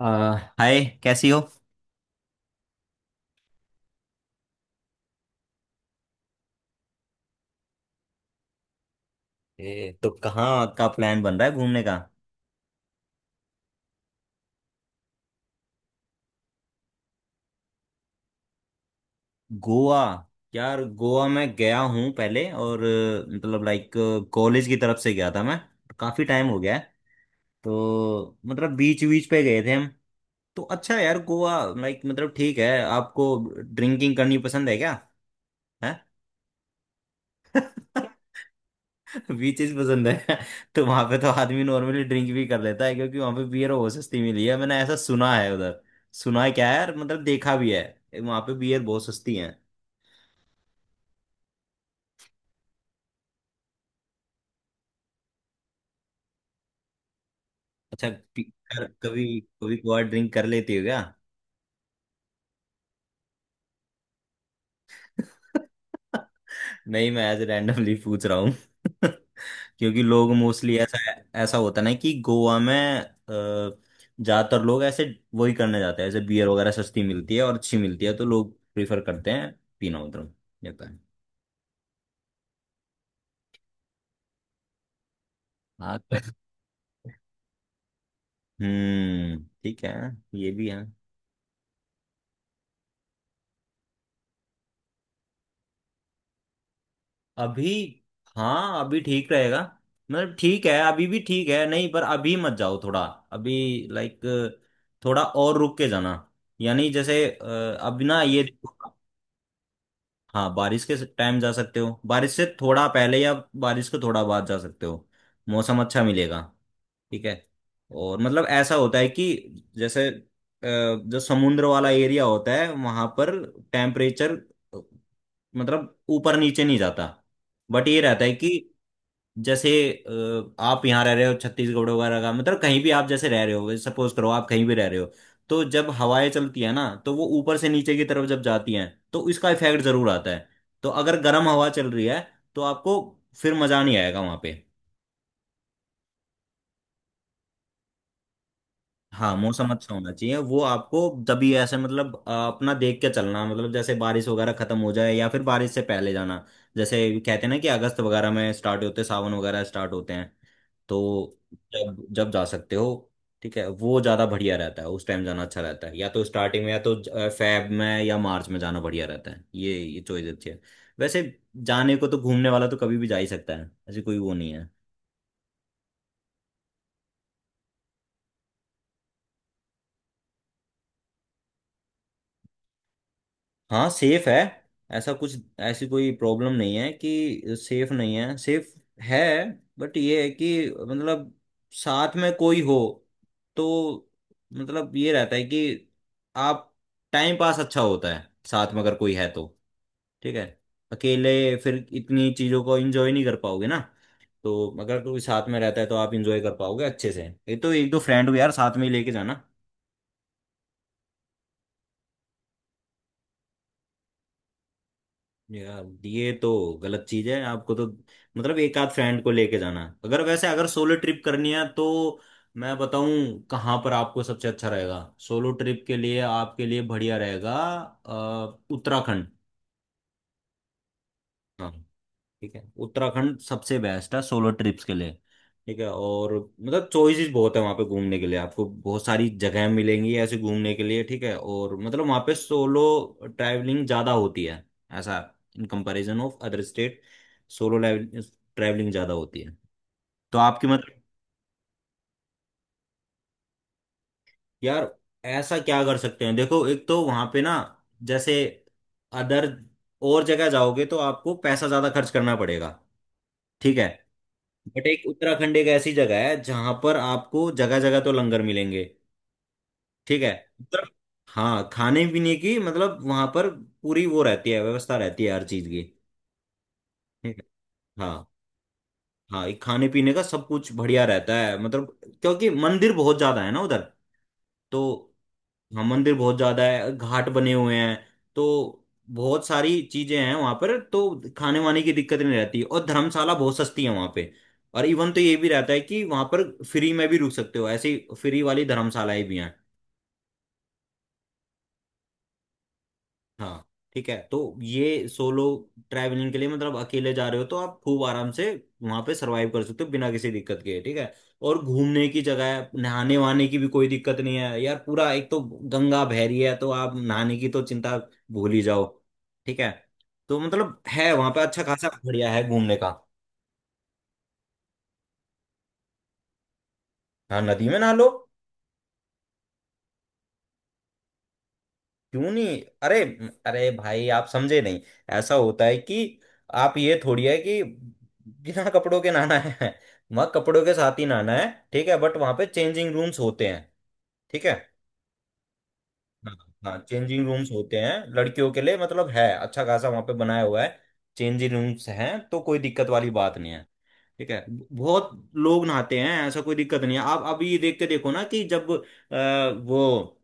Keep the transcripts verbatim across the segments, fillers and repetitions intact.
अ, hi कैसी हो। ए, तो कहाँ का प्लान बन रहा है घूमने का? गोवा। यार, गोवा मैं गया हूँ पहले, और अ, मतलब लाइक कॉलेज की तरफ से गया था मैं। काफी टाइम हो गया है। तो मतलब बीच बीच पे गए थे हम। तो अच्छा है यार, गोवा लाइक मतलब ठीक है। आपको ड्रिंकिंग करनी पसंद है क्या? है। बीचेस पसंद है। तो वहां पे तो आदमी नॉर्मली ड्रिंक भी कर लेता है, क्योंकि वहां पे बियर बहुत सस्ती मिली है। मैंने ऐसा सुना है उधर। सुना है क्या है, और मतलब देखा भी है। वहां पे बियर बहुत सस्ती है। अच्छा। पी- कर, कभी कभी कभार ड्रिंक कर लेती हो क्या? नहीं, मैं ऐसे रैंडमली पूछ रहा हूँ। क्योंकि लोग मोस्टली ऐसा, ऐसा होता ना कि गोवा में अ, ज्यादातर लोग ऐसे वही करने जाते हैं, ऐसे बियर वगैरह सस्ती मिलती है और अच्छी मिलती है तो लोग प्रीफर करते हैं पीना उधर जाता है। हाँ तो। हम्म, ठीक है। ये भी है। अभी। हाँ, अभी ठीक रहेगा। मतलब ठीक है, अभी भी ठीक है, नहीं पर अभी मत जाओ थोड़ा। अभी लाइक थोड़ा और रुक के जाना, यानी जैसे अ, अब ना ये देखो। हाँ, बारिश के टाइम जा सकते हो, बारिश से थोड़ा पहले या बारिश के थोड़ा बाद जा सकते हो। मौसम अच्छा मिलेगा। ठीक है। और मतलब ऐसा होता है कि जैसे अ, जो समुद्र वाला एरिया होता है वहां पर टेम्परेचर मतलब ऊपर नीचे नहीं जाता। बट ये रहता है कि जैसे अ, आप यहाँ रह रहे हो छत्तीसगढ़ वगैरह का मतलब कहीं भी, आप जैसे रह रहे हो, सपोज करो आप कहीं भी रह रहे हो, तो जब हवाएं चलती है ना तो वो ऊपर से नीचे की तरफ जब जाती हैं, तो इसका इफेक्ट जरूर आता है। तो अगर गर्म हवा चल रही है तो आपको फिर मजा नहीं आएगा वहां पे। हाँ, मौसम अच्छा होना चाहिए वो आपको। तभी ऐसे मतलब अ, अपना देख के चलना, मतलब जैसे बारिश वगैरह खत्म हो जाए या फिर बारिश से पहले जाना। जैसे कहते हैं ना कि अगस्त वगैरह में स्टार्ट होते हैं, सावन वगैरह स्टार्ट होते हैं, तो जब जब जा सकते हो। ठीक है, वो ज़्यादा बढ़िया रहता है, उस टाइम जाना अच्छा रहता है, या तो स्टार्टिंग में या तो फेब में या मार्च में जाना बढ़िया रहता है। ये ये चॉइस अच्छी है वैसे, जाने को तो घूमने वाला तो कभी भी जा ही सकता है, ऐसी कोई वो नहीं। हाँ, सेफ है, ऐसा कुछ ऐसी कोई प्रॉब्लम नहीं है कि सेफ नहीं है, सेफ है। बट ये है कि मतलब साथ में कोई हो तो मतलब ये रहता है कि आप टाइम पास अच्छा होता है साथ में अगर कोई है तो। ठीक है, अकेले फिर इतनी चीजों को एंजॉय नहीं कर पाओगे ना, तो अगर कोई साथ में रहता है तो आप एंजॉय कर पाओगे अच्छे से। ये तो एक दो फ्रेंड को यार साथ में ही लेके जाना। यार, ये तो गलत चीज है। आपको तो मतलब एक आध फ्रेंड को लेके जाना है। अगर वैसे अगर सोलो ट्रिप करनी है तो मैं बताऊं कहाँ पर आपको सबसे अच्छा रहेगा, सोलो ट्रिप के लिए आपके लिए बढ़िया रहेगा अ, उत्तराखंड। हाँ। ठीक है, उत्तराखंड सबसे बेस्ट है सोलो ट्रिप्स के लिए। ठीक है, और मतलब चॉइसेस बहुत है वहाँ पे घूमने के लिए, आपको बहुत सारी जगह मिलेंगी ऐसे घूमने के लिए। ठीक है, और मतलब वहाँ पे सोलो ट्रैवलिंग ज़्यादा होती है, ऐसा in comparison of other state solo travelling ज़्यादा होती है, तो आपकी मतलब। यार, ऐसा क्या कर सकते हैं, देखो एक तो वहां पे ना, जैसे अदर और जगह जाओगे तो आपको पैसा ज्यादा खर्च करना पड़ेगा। ठीक है, बट एक उत्तराखंड एक ऐसी जगह है जहां पर आपको जगह जगह तो लंगर मिलेंगे। ठीक है। उत्तर, हाँ खाने पीने की मतलब वहां पर पूरी वो रहती है, व्यवस्था रहती है हर चीज की। ठीक है। हाँ। हाँ, ये खाने पीने का सब कुछ बढ़िया रहता है, मतलब क्योंकि मंदिर बहुत ज्यादा है ना उधर, तो। हाँ, मंदिर बहुत ज्यादा है, घाट बने हुए हैं, तो बहुत सारी चीजें हैं वहां पर, तो खाने वाने की दिक्कत नहीं रहती, और धर्मशाला बहुत सस्ती है वहां पे, और इवन तो ये भी रहता है कि वहां पर फ्री में भी रुक सकते हो, ऐसी फ्री वाली धर्मशालाएं भी हैं। हाँ। ठीक है, तो ये सोलो ट्रैवलिंग के लिए मतलब अकेले जा रहे हो तो आप खूब आराम से वहां पे सरवाइव कर सकते हो बिना किसी दिक्कत के। ठीक है, और घूमने की जगह है, नहाने वहाने की भी कोई दिक्कत नहीं है यार, पूरा एक तो गंगा बह रही है, तो आप नहाने की तो चिंता भूल ही जाओ। ठीक है, तो मतलब है वहां पे अच्छा खासा, बढ़िया है घूमने का। हाँ, नदी में नहा लो, क्यों नहीं? अरे, अरे भाई आप समझे नहीं, ऐसा होता है कि आप ये थोड़ी है कि बिना कपड़ों के नहाना है, मग कपड़ों के साथ ही नहाना है। ठीक है, बट वहां पे चेंजिंग रूम्स होते हैं। ठीक है। हाँ, हाँ, चेंजिंग रूम्स होते हैं लड़कियों के लिए, मतलब है अच्छा खासा वहां पे बनाया हुआ है। चेंजिंग रूम्स हैं तो कोई दिक्कत वाली बात नहीं है। ठीक है, बहुत लोग नहाते हैं, ऐसा कोई दिक्कत नहीं है। आप अभी देख के देखो ना कि जब अ, वो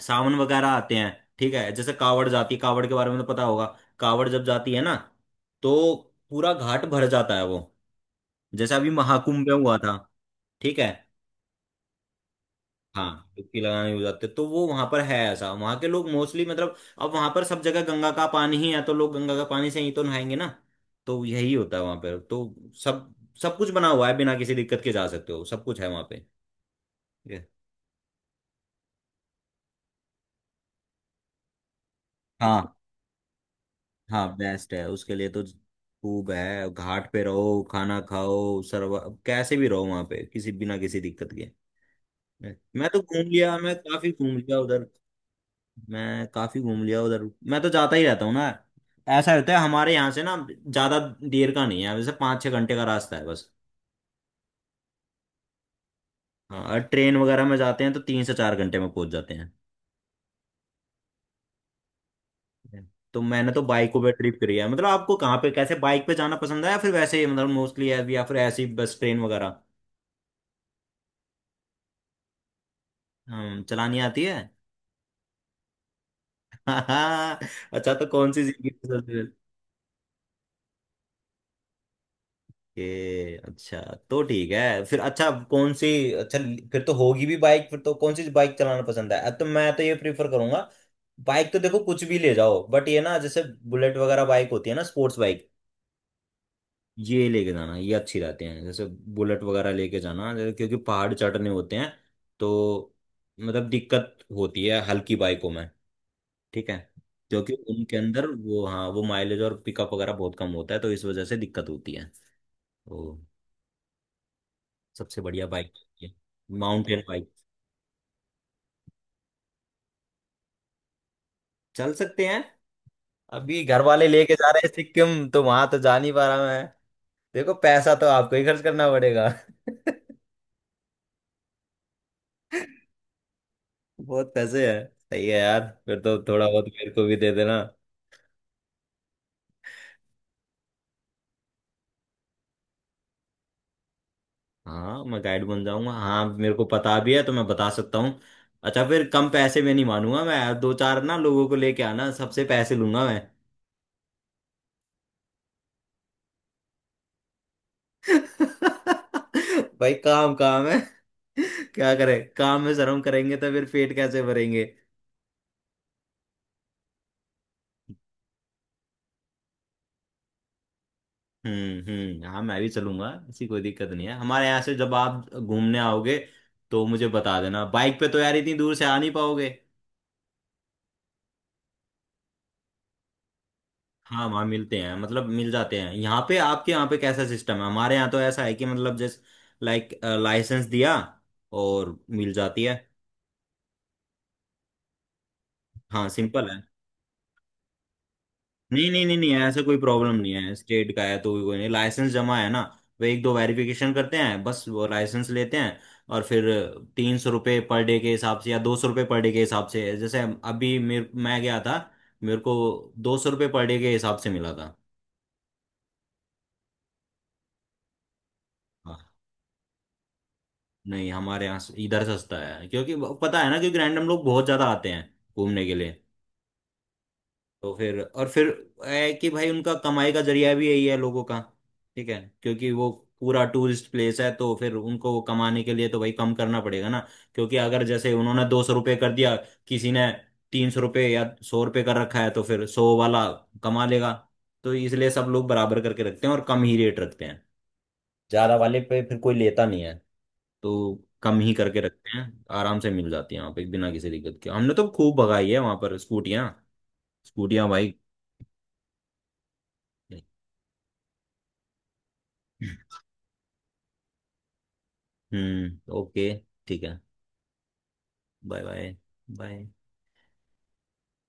सावन वगैरह आते हैं। ठीक है, जैसे कावड़ जाती है, कावड़ के बारे में तो पता होगा, कावड़ जब जाती है ना तो पूरा घाट भर जाता है, वो जैसे अभी महाकुंभ में हुआ था। ठीक है। हाँ, डुबकी लगाने हो जाते तो वो वहां पर है ऐसा, वहां के लोग मोस्टली मतलब अब वहां पर सब जगह गंगा का पानी ही है तो लोग गंगा का पानी से ही तो नहाएंगे ना, तो यही होता है वहां पर। तो सब सब कुछ बना हुआ है, बिना किसी दिक्कत के जा सकते हो, सब कुछ है वहां पे ये। हाँ, हाँ बेस्ट है उसके लिए तो। खूब है, घाट पे रहो, खाना खाओ, सर्व कैसे भी रहो वहां पे किसी बिना किसी दिक्कत के। मैं मैं तो घूम लिया, मैं काफी घूम लिया उधर, मैं काफी घूम लिया उधर, मैं तो जाता ही रहता हूँ ना, ऐसा होता है। हमारे यहाँ से ना ज्यादा देर का नहीं है वैसे, पाँच छः घंटे का रास्ता है बस। हाँ, और ट्रेन वगैरह में जाते हैं तो तीन से चार घंटे में पहुंच जाते हैं। तो मैंने तो बाइकों पे ट्रिप करी है, मतलब आपको कहाँ पे कैसे बाइक पे जाना पसंद है या फिर वैसे ही मतलब मोस्टली है, या फिर ऐसी बस ट्रेन वगैरह। हम्म, चलानी आती है? अच्छा, तो कौन सी जिंदगी की सबसे, ये अच्छा, तो ठीक है फिर, अच्छा कौन सी, अच्छा फिर तो होगी भी बाइक, फिर तो कौन सी बाइक चलाना पसंद है? तो मैं तो ये प्रीफर करूंगा, बाइक तो देखो कुछ भी ले जाओ, बट ये ना जैसे बुलेट वगैरह बाइक होती है ना, स्पोर्ट्स बाइक, ये लेके जाना, ये अच्छी रहते हैं, जैसे बुलेट वगैरह लेके जाना, जैसे क्योंकि पहाड़ चढ़ने होते हैं तो मतलब दिक्कत होती है हल्की बाइकों में। ठीक है, क्योंकि उनके अंदर वो, हाँ वो माइलेज और पिकअप वगैरह बहुत कम होता है तो इस वजह से दिक्कत होती है। तो सबसे बढ़िया बाइक ये माउंटेन बाइक। चल सकते हैं, अभी घर वाले लेके जा रहे हैं सिक्किम तो वहां तो जा नहीं पा रहा मैं। देखो पैसा तो आपको ही खर्च करना पड़ेगा। बहुत पैसे हैं, सही है यार, फिर तो थोड़ा बहुत मेरे को भी दे देना। हाँ, मैं गाइड बन जाऊंगा, हाँ मेरे को पता भी है तो मैं बता सकता हूँ। अच्छा, फिर कम पैसे में नहीं मानूंगा मैं, दो चार ना लोगों को लेके आना, सबसे पैसे लूंगा मैं। भाई काम काम है, क्या करें, काम में शर्म करेंगे तो फिर पेट कैसे भरेंगे। हम्म, हम्म, हाँ मैं भी चलूंगा, ऐसी कोई दिक्कत नहीं है। हमारे यहाँ से जब आप घूमने आओगे तो मुझे बता देना। बाइक पे तो यार इतनी दूर से आ नहीं पाओगे। हाँ वहाँ मिलते हैं, मतलब मिल जाते हैं। यहाँ पे आपके यहाँ पे कैसा सिस्टम है? हमारे यहाँ तो ऐसा है कि मतलब जैसे लाइक लाइसेंस दिया और मिल जाती है। हाँ सिंपल है। नहीं नहीं नहीं नहीं, ऐसा कोई प्रॉब्लम नहीं है, स्टेट का है तो भी कोई नहीं, लाइसेंस जमा है ना, वो एक दो वेरिफिकेशन करते हैं बस, वो लाइसेंस लेते हैं और फिर तीन सौ रुपये पर डे के हिसाब से या दो सौ रुपये पर डे के हिसाब से, जैसे अभी मेरे मैं गया था, मेरे को दो सौ रुपये पर डे के हिसाब से मिला था। हाँ। नहीं, हमारे यहाँ से- इधर सस्ता है, क्योंकि वो- पता है ना, क्योंकि रैंडम लोग बहुत ज्यादा आते हैं घूमने के लिए। तो फिर, और फिर है कि भाई उनका कमाई का जरिया भी यही है लोगों का। ठीक है, क्योंकि वो पूरा टूरिस्ट प्लेस है, तो फिर उनको कमाने के लिए तो भाई कम करना पड़ेगा ना। क्योंकि अगर जैसे उन्होंने दो सौ रुपये कर दिया, किसी ने तीन सौ रुपये, या सौ रुपये कर रखा है तो फिर सौ वाला कमा लेगा। तो इसलिए सब लोग बराबर करके रखते हैं और कम ही रेट रखते हैं, ज्यादा वाले पे फिर कोई लेता नहीं है, तो कम ही करके रखते हैं, आराम से मिल जाती है वहाँ पे बिना किसी दिक्कत के। हमने तो खूब भगाई है वहां पर स्कूटियाँ, स्कूटियाँ भाई। हम्म, ओके, ठीक है। Bye bye. बाय।